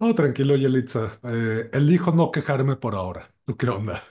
No, tranquilo, Yelitza. Elijo no quejarme por ahora. ¿Tú qué onda?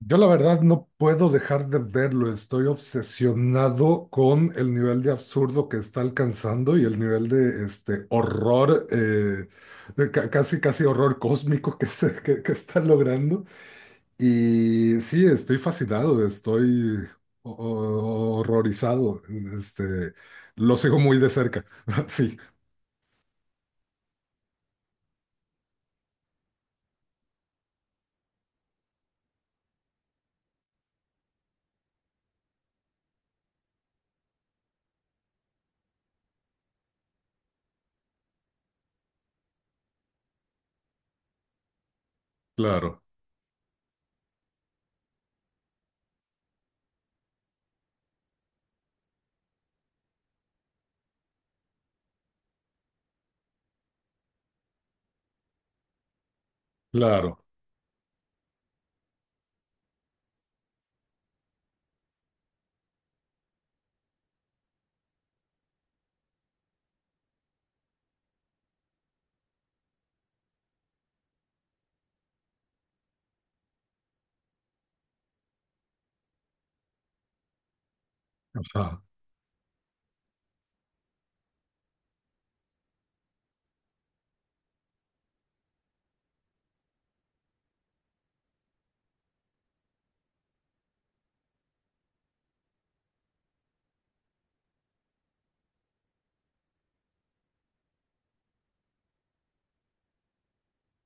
Yo la verdad no puedo dejar de verlo. Estoy obsesionado con el nivel de absurdo que está alcanzando y el nivel de este horror, de casi casi horror cósmico que está logrando. Y sí, estoy fascinado, estoy horrorizado. Este, lo sigo muy de cerca. Sí, claro, claro. Ajá.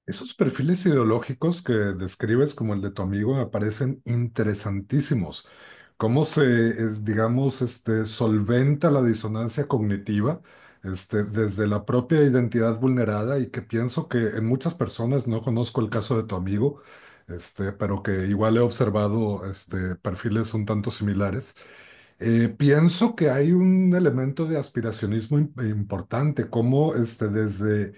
Esos perfiles ideológicos que describes como el de tu amigo me parecen interesantísimos. ¿Cómo digamos, solventa la disonancia cognitiva, desde la propia identidad vulnerada y que pienso que en muchas personas, no conozco el caso de tu amigo, pero que igual he observado, perfiles un tanto similares? Pienso que hay un elemento de aspiracionismo importante, como, desde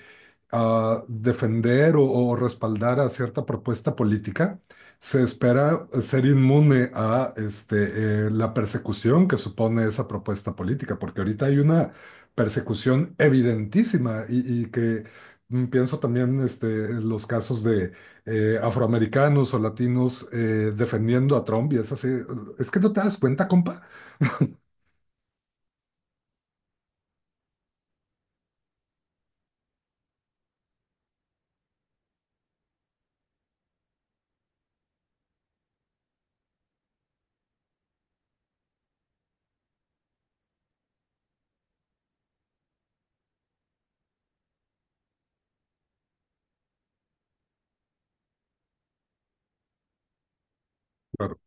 a defender o respaldar a cierta propuesta política, se espera ser inmune a la persecución que supone esa propuesta política, porque ahorita hay una persecución evidentísima y que pienso también en los casos de afroamericanos o latinos defendiendo a Trump y es así, es que no te das cuenta, compa. Claro.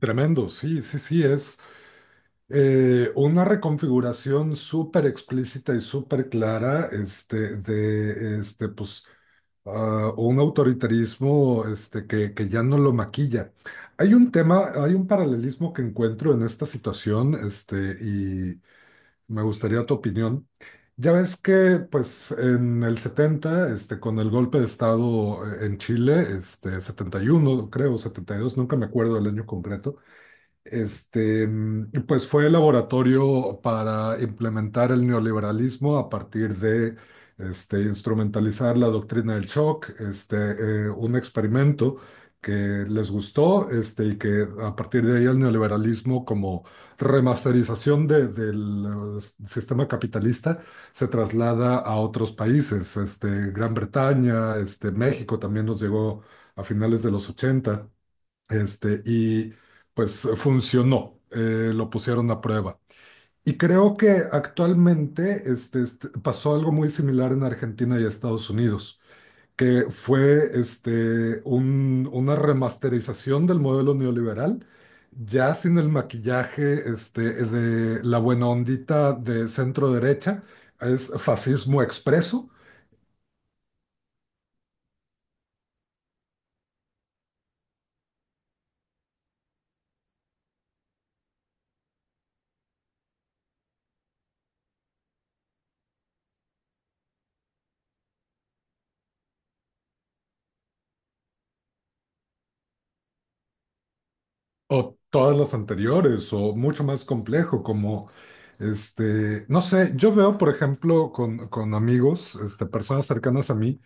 Tremendo, sí, sí, sí, es una reconfiguración súper explícita y súper clara, de pues, un autoritarismo que ya no lo maquilla. Hay un tema, hay un paralelismo que encuentro en esta situación, y me gustaría tu opinión. Ya ves que pues, en el 70, con el golpe de Estado en Chile, 71 creo, 72, nunca me acuerdo del año concreto. Pues fue el laboratorio para implementar el neoliberalismo a partir de instrumentalizar la doctrina del shock, un experimento que les gustó, y que a partir de ahí el neoliberalismo como remasterización del sistema capitalista se traslada a otros países, Gran Bretaña, México también nos llegó a finales de los 80. Y pues funcionó, lo pusieron a prueba. Y creo que actualmente, pasó algo muy similar en Argentina y Estados Unidos, que fue una remasterización del modelo neoliberal, ya sin el maquillaje, de la buena ondita de centro derecha. Es fascismo expreso. O todas las anteriores, o mucho más complejo, como, no sé. Yo veo, por ejemplo, con amigos, personas cercanas a mí,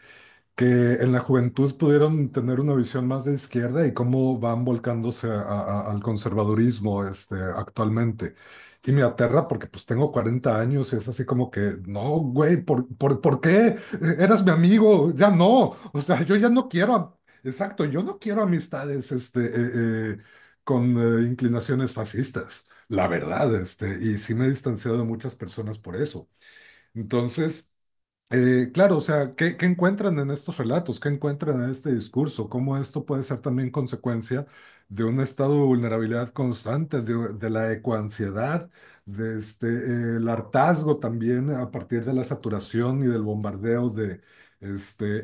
que en la juventud pudieron tener una visión más de izquierda, y cómo van volcándose al conservadurismo, actualmente. Y me aterra porque pues tengo 40 años y es así como que, no, güey, por qué? Eras mi amigo, ya no. O sea, yo ya no quiero, exacto, yo no quiero amistades, con inclinaciones fascistas, la verdad, y sí me he distanciado de muchas personas por eso. Entonces. Claro, o sea, ¿qué encuentran en estos relatos? ¿Qué encuentran en este discurso? ¿Cómo esto puede ser también consecuencia de un estado de vulnerabilidad constante, de la ecoansiedad, de el hartazgo también a partir de la saturación y del bombardeo de este,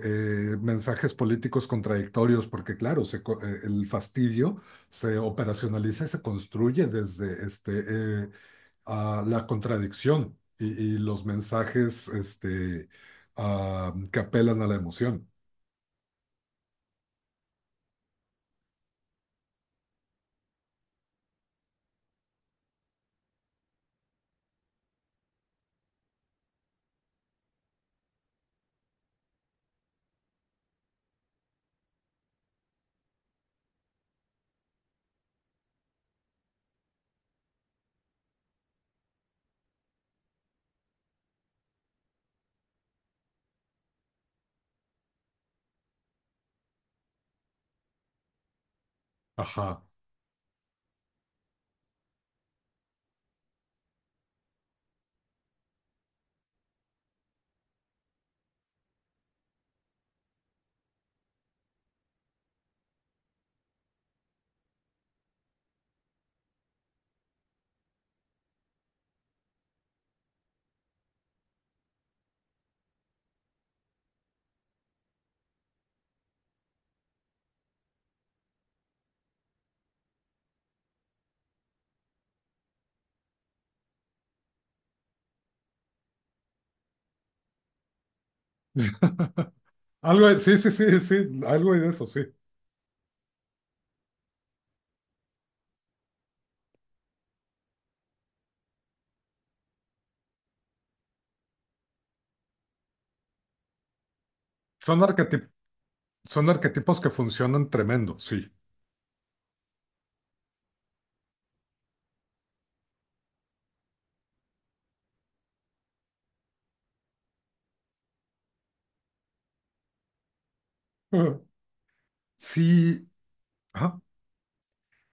mensajes políticos contradictorios? Porque claro, el fastidio se operacionaliza y se construye desde eh, a la contradicción y los mensajes, que apelan a la emoción. Ajá. Sí, sí, sí, sí, algo de eso, sí. Son arquetip- son arquetipos que funcionan tremendo, sí. Sí, ajá.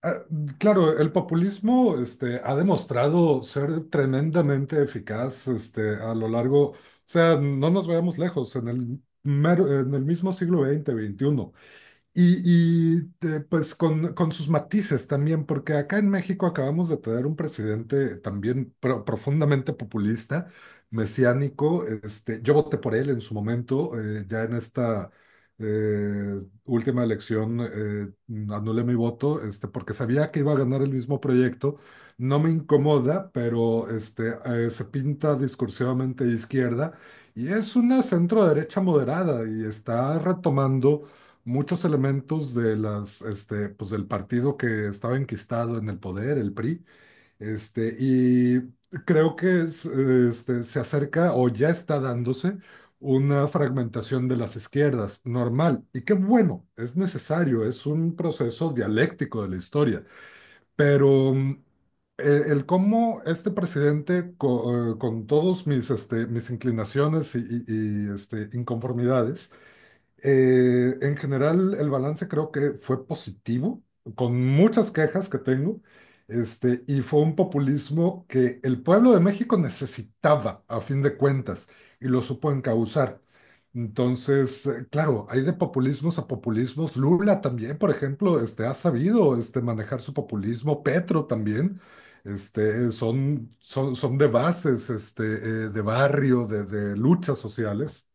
Ah, claro, el populismo, ha demostrado ser tremendamente eficaz, a lo largo, o sea, no nos veamos lejos, en el mismo siglo XX-XXI. Y pues con sus matices también, porque acá en México acabamos de tener un presidente también profundamente populista, mesiánico. Yo voté por él en su momento, ya en esta última elección anulé mi voto, porque sabía que iba a ganar el mismo proyecto. No me incomoda, pero se pinta discursivamente de izquierda y es una centro derecha moderada, y está retomando muchos elementos de pues del partido que estaba enquistado en el poder, el PRI, y creo que se acerca o ya está dándose una fragmentación de las izquierdas, normal, y qué bueno, es necesario, es un proceso dialéctico de la historia, pero el cómo este presidente, todos mis, mis inclinaciones y inconformidades, en general, el balance creo que fue positivo, con muchas quejas que tengo, y fue un populismo que el pueblo de México necesitaba, a fin de cuentas, y lo supo encauzar. Entonces, claro, hay de populismos a populismos. Lula también, por ejemplo, ha sabido, manejar su populismo. Petro también. Son de bases, de barrio, de luchas sociales.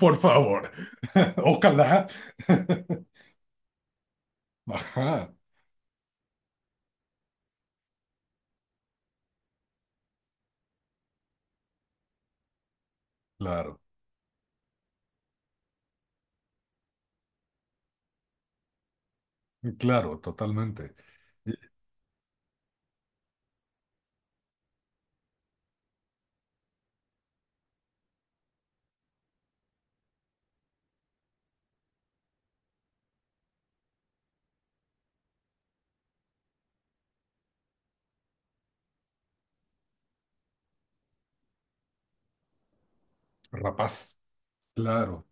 Por favor. Ojalá. Ajá, claro, claro, totalmente. Y- Rapaz, claro.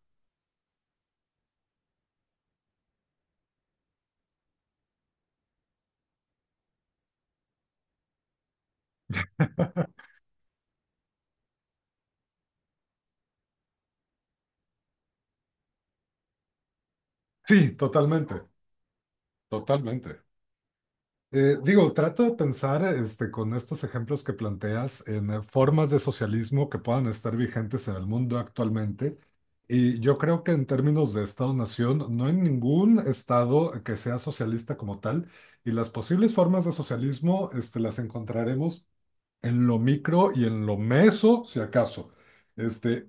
Sí, totalmente, totalmente. Digo, trato de pensar, con estos ejemplos que planteas en formas de socialismo que puedan estar vigentes en el mundo actualmente. Y yo creo que en términos de Estado-nación, no hay ningún Estado que sea socialista como tal. Y las posibles formas de socialismo, las encontraremos en lo micro y en lo meso, si acaso. Este,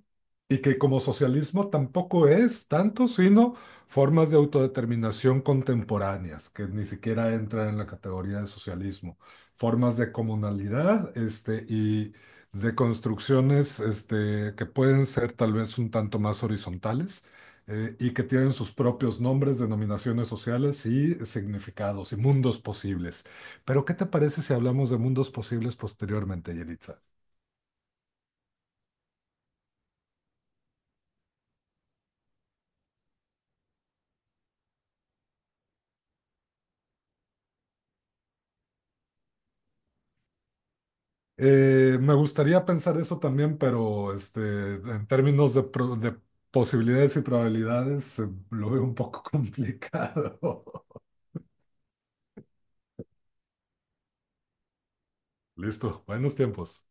y que como socialismo tampoco es tanto, sino formas de autodeterminación contemporáneas, que ni siquiera entran en la categoría de socialismo, formas de comunalidad, y de construcciones, que pueden ser tal vez un tanto más horizontales. Y que tienen sus propios nombres, denominaciones sociales y significados y mundos posibles. Pero, ¿qué te parece si hablamos de mundos posibles posteriormente, Yelitza? Me gustaría pensar eso también, pero en términos de posibilidades y probabilidades, lo veo un poco complicado. Listo, buenos tiempos.